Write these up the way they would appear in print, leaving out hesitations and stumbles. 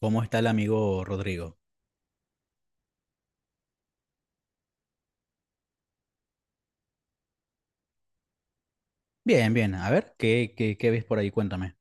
¿Cómo está el amigo Rodrigo? Bien, bien. A ver, ¿qué ves por ahí? Cuéntame.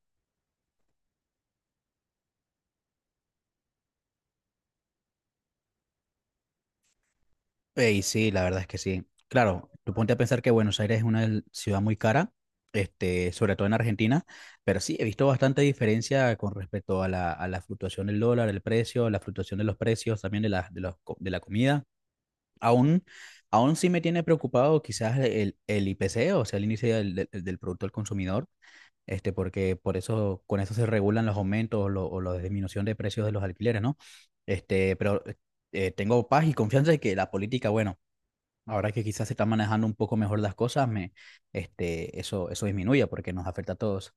Ey, sí, la verdad es que sí. Claro, tú ponte a pensar que Buenos Aires es ciudad muy cara, sobre todo en Argentina, pero sí, he visto bastante diferencia con respecto a la fluctuación del dólar, el precio, la fluctuación de los precios, también de la, de los co- de la comida. Aún, aún sí me tiene preocupado quizás el IPC, o sea, el índice del Producto al Consumidor, porque por eso, con eso se regulan los aumentos, o la disminución de precios de los alquileres, ¿no? Pero tengo paz y confianza de que la política, bueno, ahora que quizás se están manejando un poco mejor las cosas, eso disminuye porque nos afecta a todos.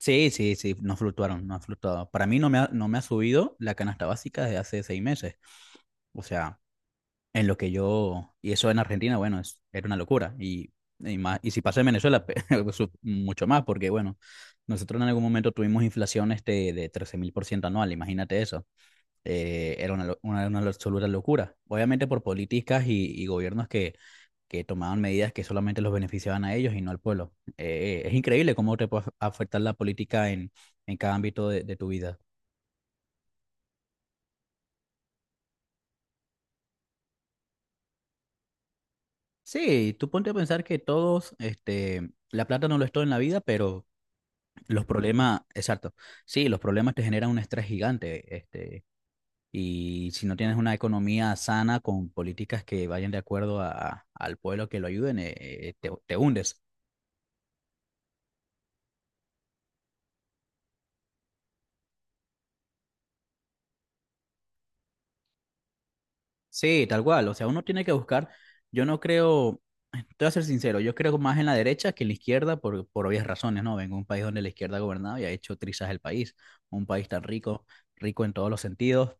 Sí, sí, sí, no fluctuaron, no han fluctuado. Para mí no me ha subido la canasta básica desde hace 6 meses. O sea, en lo que yo, y eso en Argentina, bueno, es, era una locura. Y más, y si pasa en Venezuela, mucho más, porque bueno, nosotros en algún momento tuvimos inflación de 13.000% anual, imagínate eso. Era una absoluta locura. Obviamente por políticas y gobiernos que tomaban medidas que solamente los beneficiaban a ellos y no al pueblo. Es increíble cómo te puede afectar la política en cada ámbito de tu vida. Sí, tú ponte a pensar que todos, la plata no lo es todo en la vida, pero los problemas, exacto. Sí, los problemas te generan un estrés gigante, y si no tienes una economía sana con políticas que vayan de acuerdo al pueblo que lo ayuden, te hundes. Sí, tal cual. O sea, uno tiene que buscar, yo no creo, te voy a ser sincero, yo creo más en la derecha que en la izquierda por obvias razones, ¿no? Vengo de un país donde la izquierda ha gobernado y ha hecho trizas el país, un país tan rico, rico en todos los sentidos,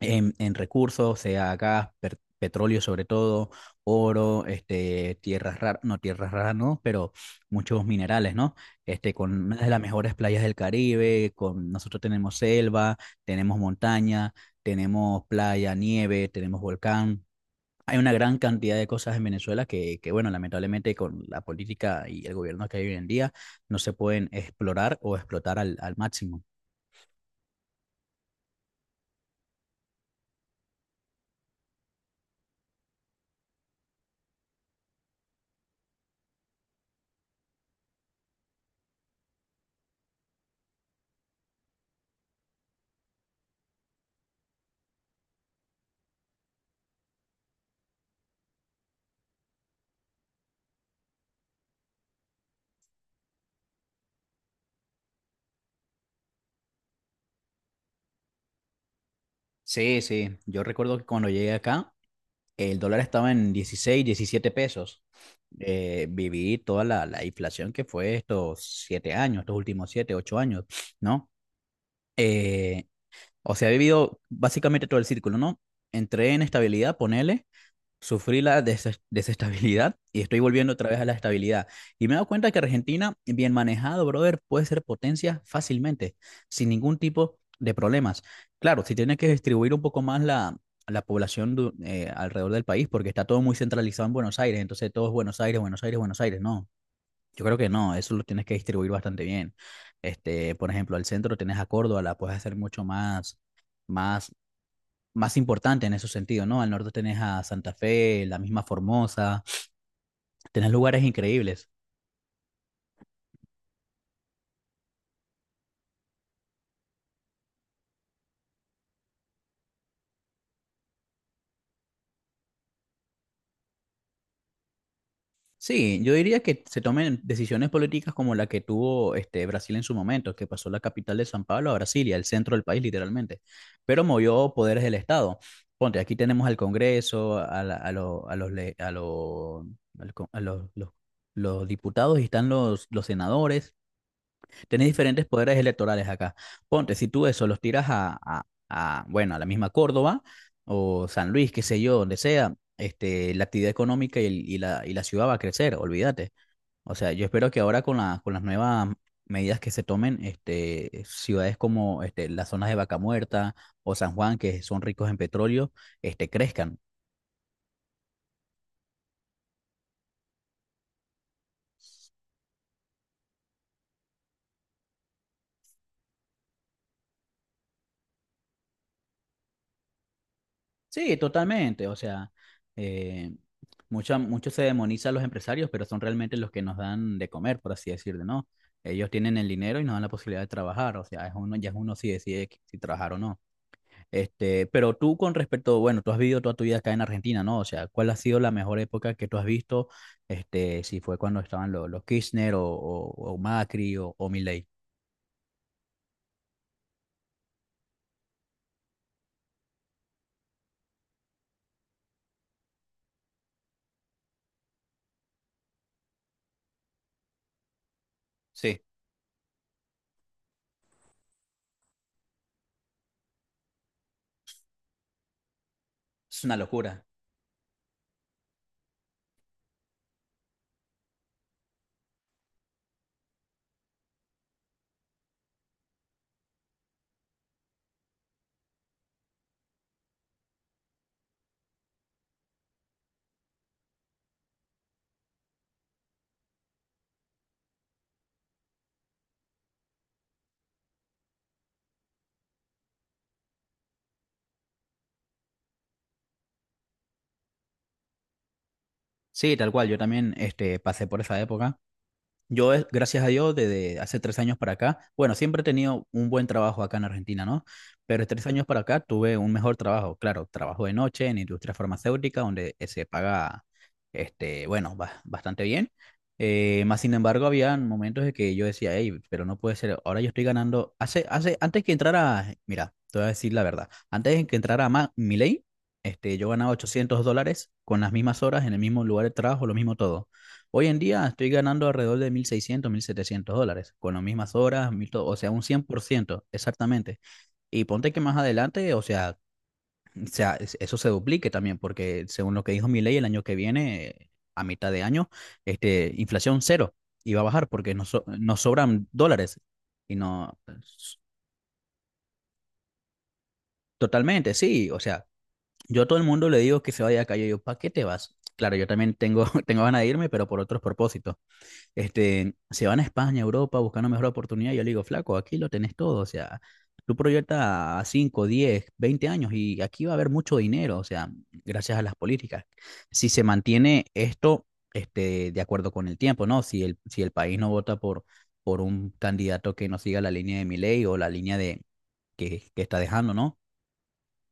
en recursos, sea gas, petróleo sobre todo, oro, tierras raras no, pero muchos minerales, ¿no? Con una de las mejores playas del Caribe, con nosotros tenemos selva, tenemos montaña, tenemos playa, nieve, tenemos volcán. Hay una gran cantidad de cosas en Venezuela bueno, lamentablemente con la política y el gobierno que hay hoy en día no se pueden explorar o explotar al máximo. Sí, sí, yo recuerdo que cuando llegué acá, el dólar estaba en 16, 17 pesos. Viví toda la inflación que fue estos 7 años, estos últimos 7, 8 años, ¿no? Eh, o sea, he vivido básicamente todo el círculo, ¿no? Entré en estabilidad, ponele. Sufrí la desestabilidad y estoy volviendo otra vez a la estabilidad. Y me he dado cuenta que Argentina, bien manejado, brother, puede ser potencia fácilmente, sin ningún tipo de problemas. Claro, si tienes que distribuir un poco más la población, alrededor del país, porque está todo muy centralizado en Buenos Aires, entonces todo es Buenos Aires, Buenos Aires, Buenos Aires. No, yo creo que no, eso lo tienes que distribuir bastante bien. Por ejemplo, al centro tenés a Córdoba, la puedes hacer mucho más, más más importante en ese sentido, ¿no? Al norte tenés a Santa Fe, la misma Formosa, tenés lugares increíbles. Sí, yo diría que se tomen decisiones políticas como la que tuvo Brasil en su momento, que pasó la capital de San Pablo a Brasilia, el centro del país literalmente, pero movió poderes del Estado. Ponte, aquí tenemos al Congreso, a, la- a, lo- a los, le- a, lo- al co- a los diputados y están los senadores. Tenés diferentes poderes electorales acá. Ponte, si tú eso los tiras bueno, a la misma Córdoba o San Luis, qué sé yo, donde sea, la actividad económica y la ciudad va a crecer, olvídate. O sea, yo espero que ahora con con las nuevas medidas que se tomen, ciudades como las zonas de Vaca Muerta o San Juan, que son ricos en petróleo, crezcan. Sí, totalmente. O sea, eh, mucho se demoniza a los empresarios, pero son realmente los que nos dan de comer, por así decirlo, ¿no? Ellos tienen el dinero y nos dan la posibilidad de trabajar. O sea, es uno, ya es uno si decide si trabajar o no. Pero tú con respecto, bueno, tú has vivido toda tu vida acá en Argentina, ¿no? O sea, ¿cuál ha sido la mejor época que tú has visto? Si fue cuando estaban los Kirchner, o Macri, o Milei. Sí, es una locura. Sí, tal cual. Yo también, pasé por esa época. Yo, gracias a Dios, desde hace 3 años para acá, bueno, siempre he tenido un buen trabajo acá en Argentina, ¿no? Pero de 3 años para acá tuve un mejor trabajo. Claro, trabajo de noche en industria farmacéutica, donde se paga, bastante bien. Más sin embargo, había momentos en que yo decía, hey, pero no puede ser, ahora yo estoy ganando. Antes que entrara, mira, te voy a decir la verdad, antes de que entrara Milei, yo ganaba $800 con las mismas horas, en el mismo lugar de trabajo, lo mismo todo. Hoy en día estoy ganando alrededor de $1.600, $1.700, con las mismas horas, o sea, un 100%, exactamente. Y ponte que más adelante, o sea, eso se duplique también, porque según lo que dijo mi ley, el año que viene, a mitad de año, inflación cero, y va a bajar porque nos sobran dólares. Y no, totalmente, sí, o sea, yo a todo el mundo le digo que se vaya a la calle, yo, ¿para qué te vas? Claro, yo también tengo, tengo ganas de irme, pero por otros propósitos. Se van a España, Europa, buscando mejor oportunidad. Y yo le digo, flaco, aquí lo tenés todo. O sea, tú proyectas a 5, 10, 20 años y aquí va a haber mucho dinero. O sea, gracias a las políticas. Si se mantiene esto, de acuerdo con el tiempo, ¿no? Si el país no vota por un candidato que no siga la línea de Milei o la línea de, que está dejando, ¿no?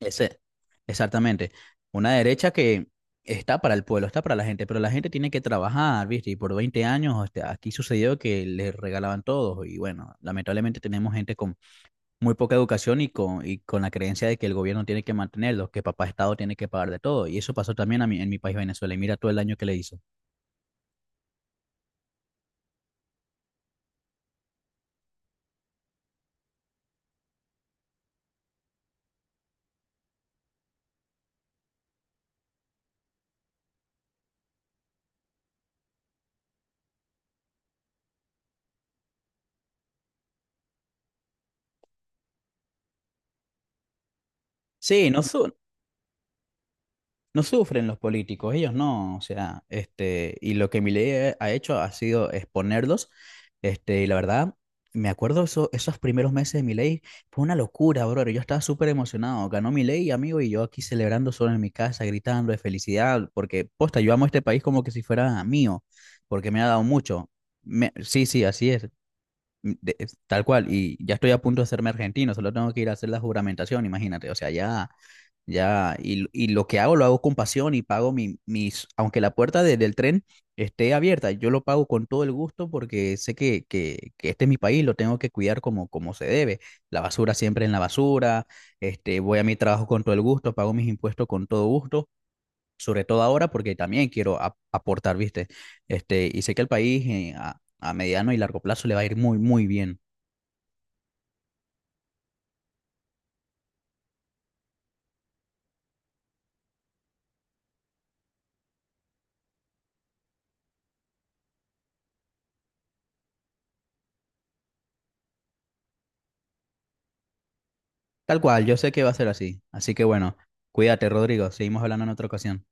Ese, exactamente. Una derecha que está para el pueblo, está para la gente, pero la gente tiene que trabajar, ¿viste? Y por 20 años aquí sucedió que les regalaban todos y bueno, lamentablemente tenemos gente con muy poca educación y y con la creencia de que el gobierno tiene que mantenerlos, que papá Estado tiene que pagar de todo. Y eso pasó también a mí, en mi país, Venezuela, y mira todo el daño que le hizo. Sí, no, no sufren los políticos, ellos no, o sea, y lo que Milei ha hecho ha sido exponerlos, y la verdad, me acuerdo esos primeros meses de Milei, fue una locura, brother, yo estaba súper emocionado, ganó Milei, amigo, y yo aquí celebrando solo en mi casa, gritando de felicidad, porque, posta, yo amo este país como que si fuera mío, porque me ha dado mucho. Sí, sí, así es, es tal cual, y ya estoy a punto de hacerme argentino, solo tengo que ir a hacer la juramentación, imagínate, o sea, ya, ya, y lo que hago lo hago con pasión y pago mis, aunque la puerta del tren esté abierta, yo lo pago con todo el gusto porque sé que este es mi país, lo tengo que cuidar como se debe, la basura siempre en la basura, voy a mi trabajo con todo el gusto, pago mis impuestos con todo gusto. Sobre todo ahora, porque también quiero aportar, ¿viste? Y sé que el país a mediano y largo plazo le va a ir muy, muy bien. Tal cual, yo sé que va a ser así. Así que bueno, cuídate, Rodrigo. Seguimos hablando en otra ocasión.